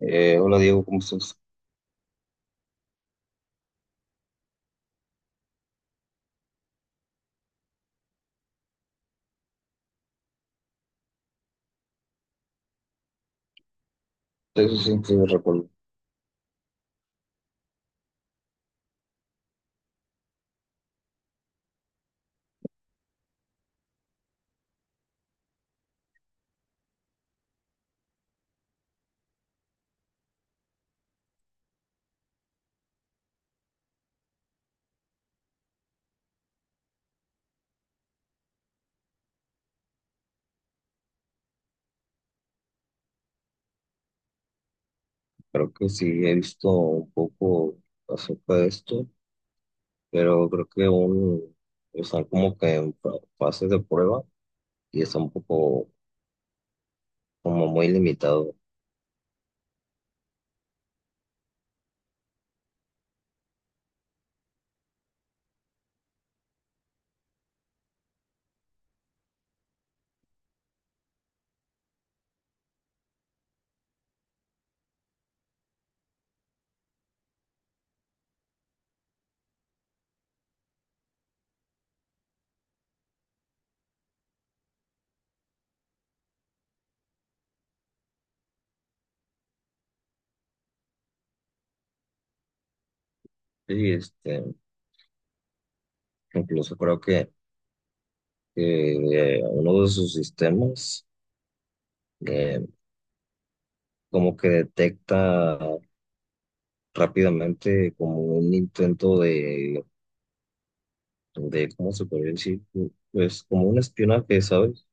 Hola Diego, ¿cómo estás? Eso sí, sí lo recuerdo. Creo que sí he visto un poco acerca de esto, pero creo que aún están como que en fases de prueba y está un poco como muy limitado. Sí, este, incluso creo que, que uno de sus sistemas eh, como que detecta rápidamente como un intento de ¿cómo se podría decir? Pues como un espionaje, ¿sabes?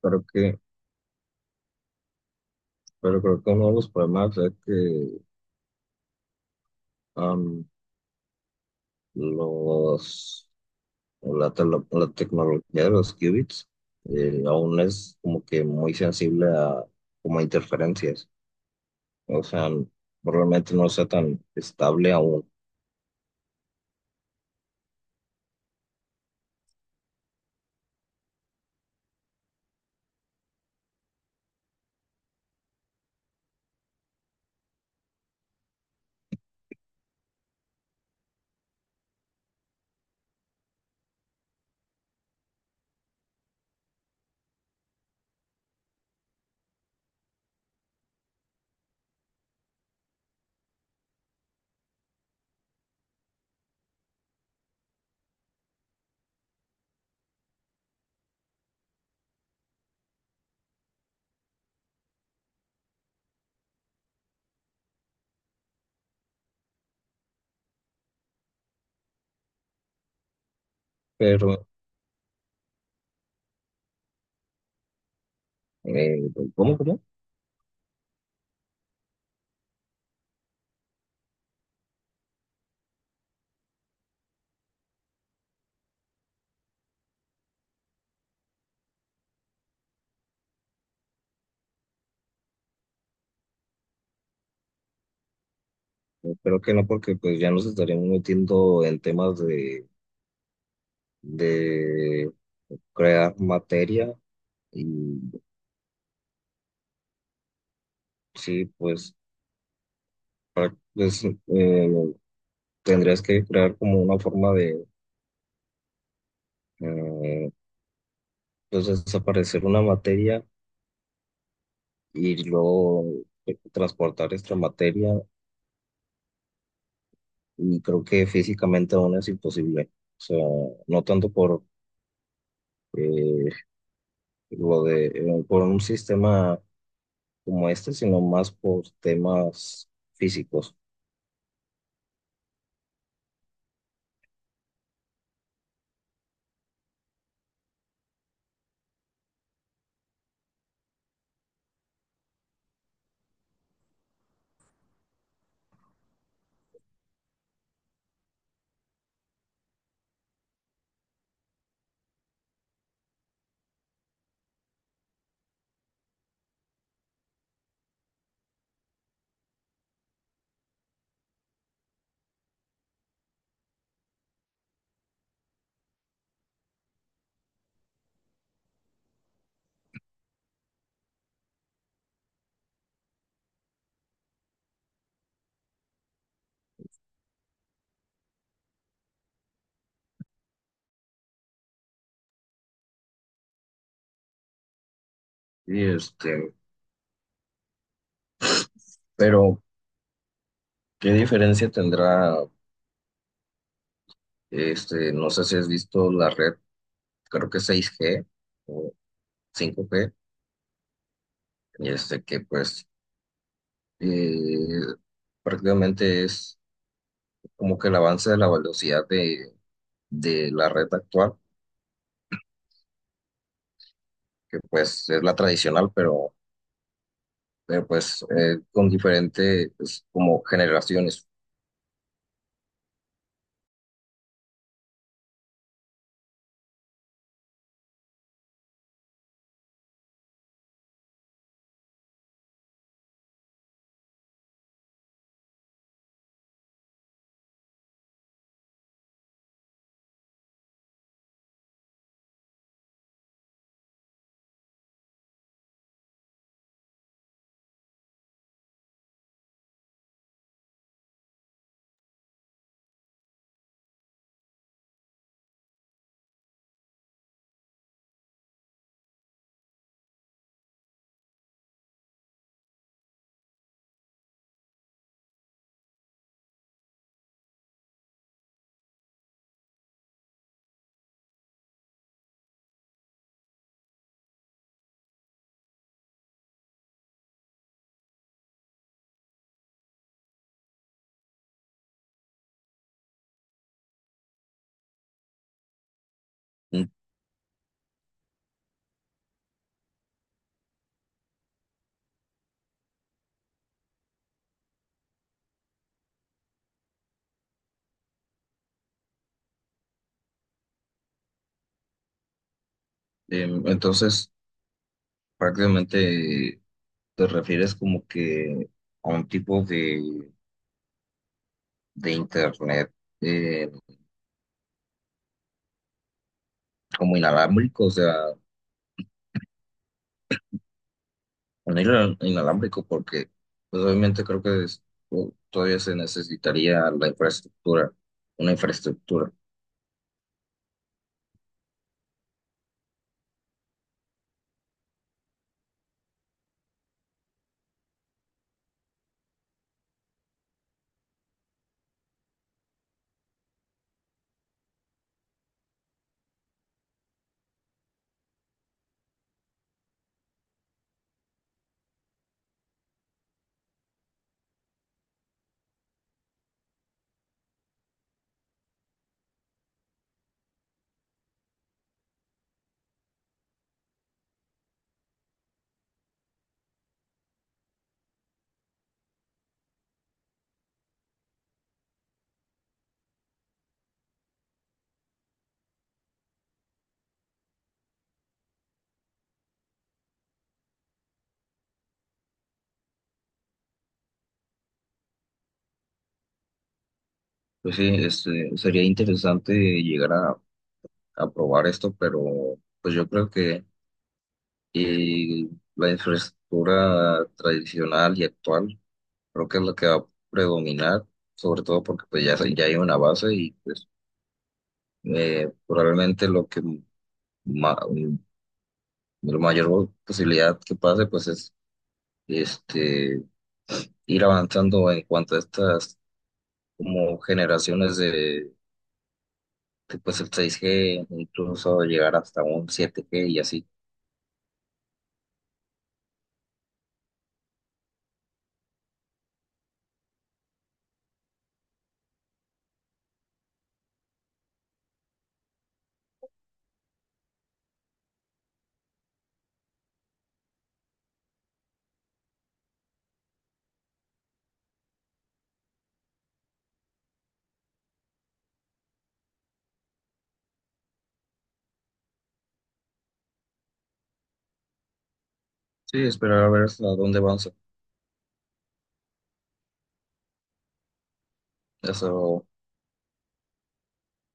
Creo que Pero creo que uno de los problemas es que am, los, la tecnología de los qubits aún es como que muy sensible a como a interferencias. O sea, probablemente no sea tan estable aún. Pero, eh, ¿cómo, cómo? Creo que no, porque pues ya nos estaríamos metiendo en temas de crear materia y sí, pues, pues tendrías que crear como una forma de eh, pues desaparecer una materia y luego transportar esta materia y creo que físicamente aún es imposible. O sea, no tanto por eh, lo de por un sistema como este, sino más por temas físicos. Y este, pero ¿qué diferencia tendrá este, no sé si has visto la red, creo que 6G o 5G y este que pues eh, prácticamente es como que el avance de la velocidad de la red actual, que pues es la tradicional, pero, pero pues con diferentes pues, como generaciones. Mm. Entonces, prácticamente te refieres como que a un tipo de internet eh, como inalámbrico, o sea, un hilo inalámbrico porque pues obviamente creo que todavía se necesitaría la infraestructura, una infraestructura. Pues sí, este, sería interesante llegar a probar esto, pero pues yo creo que eh, la infraestructura tradicional y actual creo que es la que va a predominar, sobre todo porque pues ya, se- ya hay una base y pues probablemente lo que ma- la mayor posibilidad que pase pues es este, ir avanzando en cuanto a estas como generaciones de, pues el 6G incluso llegar hasta un 7G y así. Sí, esperar a ver hasta dónde avanza. Eso